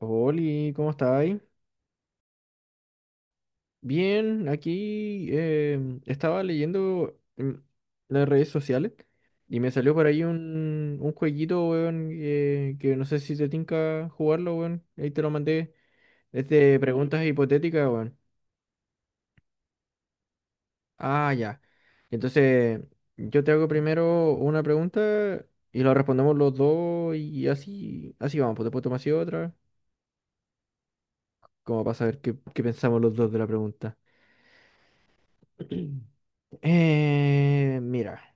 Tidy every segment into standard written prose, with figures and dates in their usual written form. Oli, ¿cómo estáis? Bien, aquí estaba leyendo las redes sociales y me salió por ahí un jueguito, weón, que no sé si te tinca jugarlo, weón. Ahí te lo mandé. Es de preguntas hipotéticas, weón. Ah, ya. Entonces, yo te hago primero una pregunta y lo respondemos los dos y así vamos. Pues después tomas así otra, como para saber qué pensamos los dos de la pregunta. Mira.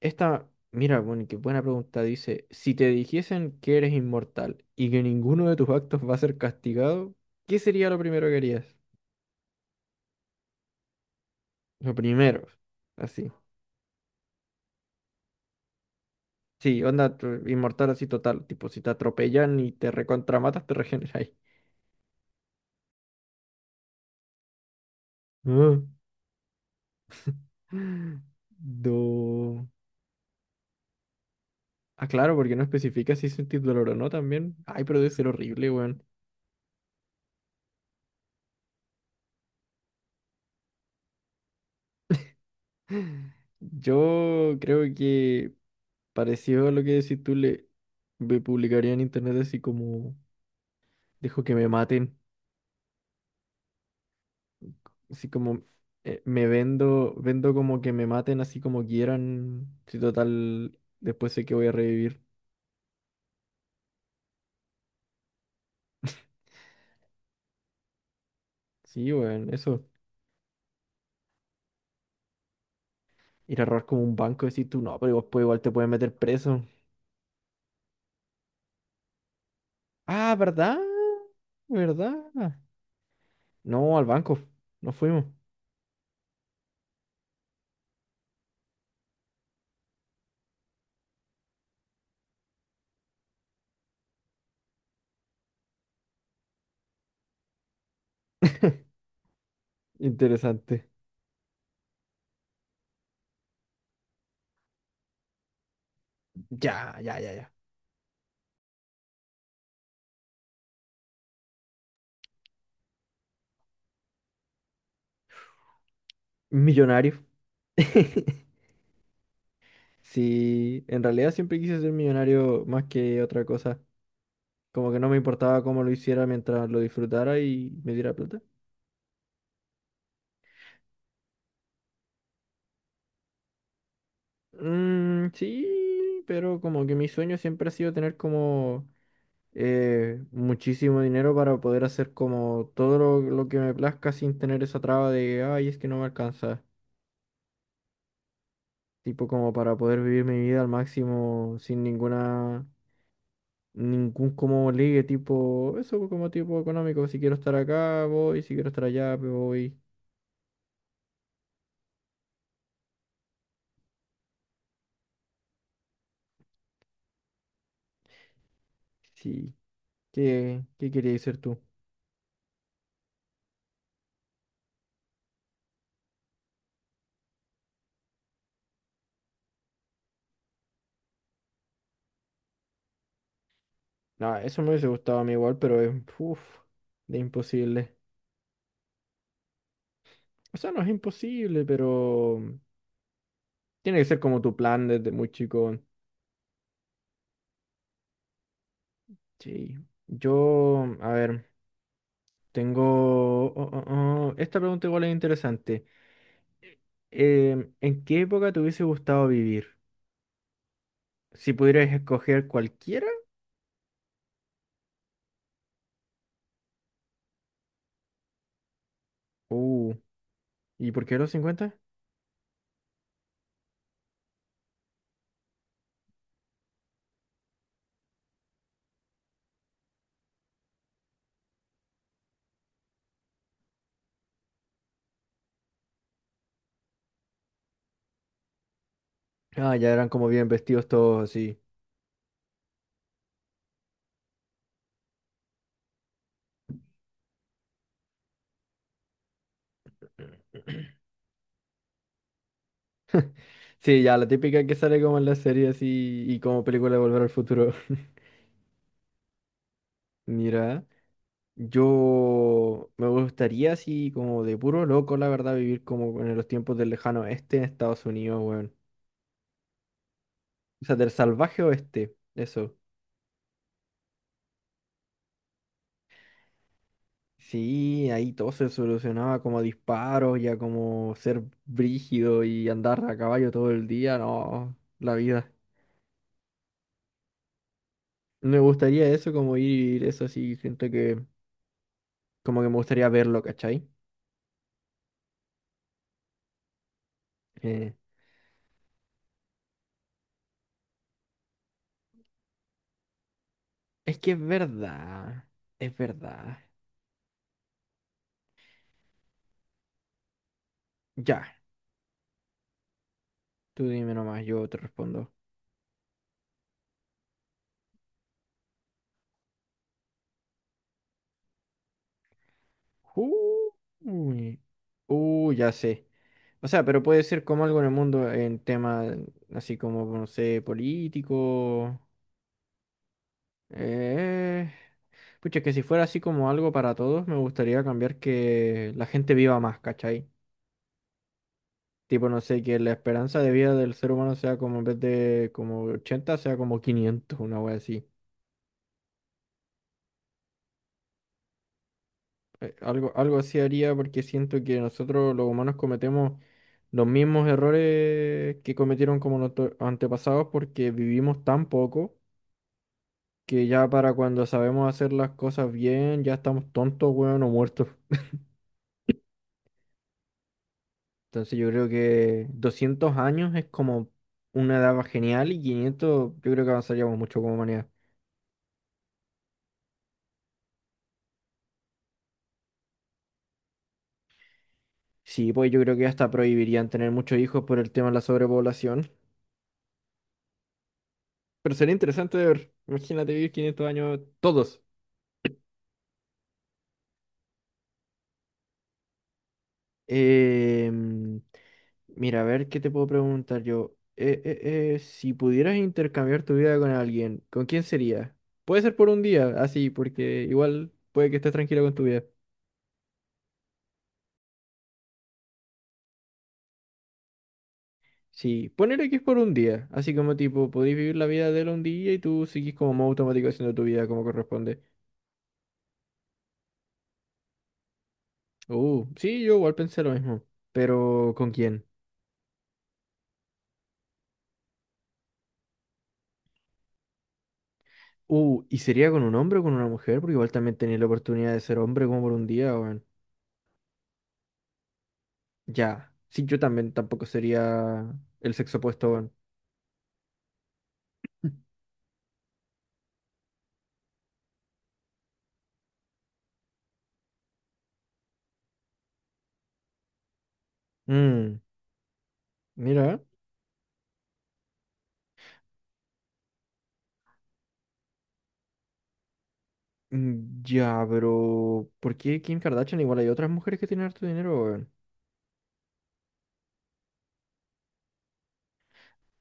Esta, mira, bueno, qué buena pregunta. Dice, si te dijesen que eres inmortal y que ninguno de tus actos va a ser castigado, ¿qué sería lo primero que harías? Lo primero, así. Sí, onda, inmortal así total. Tipo, si te atropellan y te recontramatas, te regeneráis. Ah. Do... Ah, claro, porque no especifica si sentís dolor o no también. Ay, pero debe ser horrible, weón. Yo creo que... Parecido a lo que si tú le me publicaría en internet así como dejo que me maten, así como me vendo, vendo como que me maten así como quieran, si total después sé que voy a revivir. Sí, weón, eso. Ir a robar como un banco y decir tú no, pero después igual te pueden meter preso. Ah, ¿verdad? ¿Verdad? No, al banco. No fuimos. Interesante. Ya, ya, ya, ya. Millonario. Sí, en realidad siempre quise ser millonario más que otra cosa. Como que no me importaba cómo lo hiciera mientras lo disfrutara y me diera plata. Mm, sí, pero como que mi sueño siempre ha sido tener como muchísimo dinero para poder hacer como todo lo que me plazca sin tener esa traba de, ay, es que no me alcanza. Tipo como para poder vivir mi vida al máximo sin ninguna ningún como ligue tipo, eso como tipo económico, si quiero estar acá voy, si quiero estar allá pues voy, sí, ¿qué querías ser tú? No, eso me hubiese gustado a mí igual, pero es, uff, de imposible. O sea, no es imposible, pero tiene que ser como tu plan desde muy chico. Sí, yo, a ver, tengo, oh, oh, oh, esta pregunta igual es interesante. ¿En qué época te hubiese gustado vivir? Si pudieras escoger cualquiera. Uh. ¿Y por qué los cincuenta? Ah, ya eran como bien vestidos todos así. Sí, ya la típica que sale como en la serie así y como película de Volver al Futuro. Mira, yo me gustaría así como de puro loco, la verdad, vivir como en los tiempos del lejano oeste en Estados Unidos, weón. O sea, del salvaje oeste, eso. Sí, ahí todo se solucionaba como a disparos, ya como ser brígido y andar a caballo todo el día, no, la vida. Me gustaría eso, como ir, eso sí, gente que como que me gustaría verlo, ¿cachai? Eh, es que es verdad, es verdad. Ya, tú dime nomás, yo te respondo. Uy, ya sé. O sea, pero puede ser como algo en el mundo en tema así como, no sé, político. Eh... Pucha, que si fuera así como algo para todos, me gustaría cambiar que la gente viva más, ¿cachai? Tipo, no sé, que la esperanza de vida del ser humano sea como en vez de como 80 sea como 500 una wea así. Algo así haría porque siento que nosotros los humanos cometemos los mismos errores que cometieron como nuestros antepasados porque vivimos tan poco que ya para cuando sabemos hacer las cosas bien ya estamos tontos, weón, o muertos. Entonces yo creo que 200 años es como una edad genial y 500 yo creo que avanzaríamos mucho como humanidad. Sí, pues yo creo que hasta prohibirían tener muchos hijos por el tema de la sobrepoblación. Pero sería interesante de ver. Imagínate vivir 500 años todos. Em, mira, a ver qué te puedo preguntar yo. Si pudieras intercambiar tu vida con alguien, ¿con quién sería? Puede ser por un día, así, porque igual puede que estés tranquilo con tu vida. Sí, ponerle que es por un día, así como tipo, podéis vivir la vida de él un día y tú sigues como modo automático haciendo tu vida como corresponde. Sí, yo igual pensé lo mismo. Pero, ¿con quién? ¿Y sería con un hombre o con una mujer? Porque igual también tenía la oportunidad de ser hombre como por un día, weón. Ya. Sí, yo también tampoco sería el sexo opuesto, weón. Mm, mira. Mm, ya, pero ¿por qué Kim Kardashian? Igual hay otras mujeres que tienen harto dinero, weón.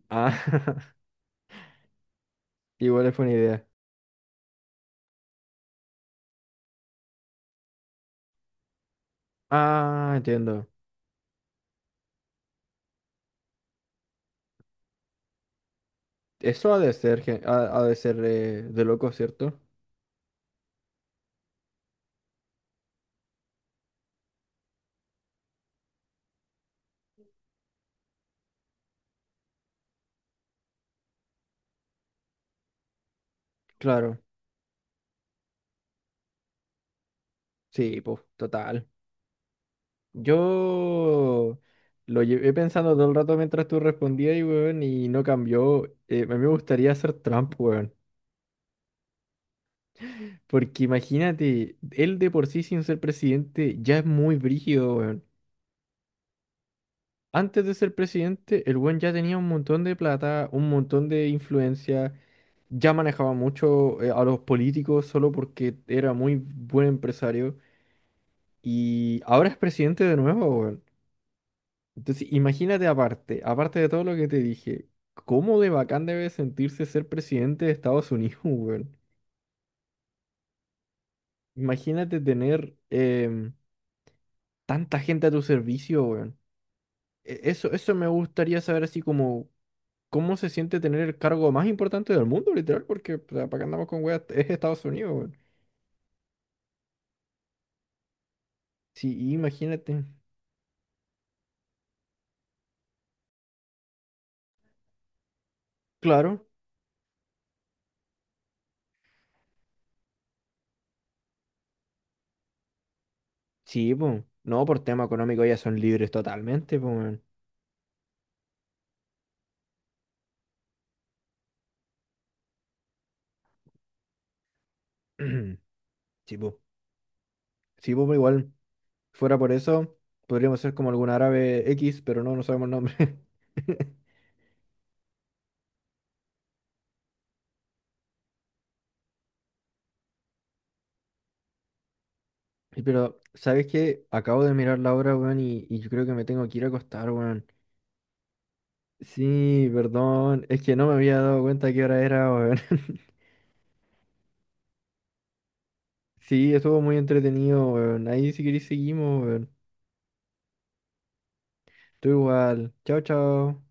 Ah, igual fue una idea. Ah, entiendo. Eso ha de ser, ha, ha de ser de loco, ¿cierto? Claro. Sí, pues, total. Yo lo llevé pensando todo el rato mientras tú respondías y, weón, y no cambió. A mí me gustaría ser Trump, weón. Porque imagínate, él de por sí sin ser presidente ya es muy brígido, weón. Antes de ser presidente, el weón ya tenía un montón de plata, un montón de influencia, ya manejaba mucho a los políticos solo porque era muy buen empresario. Y ahora es presidente de nuevo, weón. Entonces, imagínate aparte de todo lo que te dije, cómo de bacán debe sentirse ser presidente de Estados Unidos, weón. Imagínate tener tanta gente a tu servicio, weón. Eso me gustaría saber así como cómo se siente tener el cargo más importante del mundo, literal, porque para qué andamos con weas, es Estados Unidos, weón. Sí, imagínate. Claro. Sí, pues. No, por tema económico ya son libres totalmente, pues. Sí, pues. Sí, po, igual. Fuera por eso, podríamos ser como algún árabe X, pero no, no sabemos el nombre. Y pero, ¿sabes qué? Acabo de mirar la hora, weón, y yo creo que me tengo que ir a acostar, weón. Sí, perdón, es que no me había dado cuenta qué hora era, weón. Sí, estuvo muy entretenido, weón. Ahí si queréis seguimos, weón. Tú igual. Chao, chao.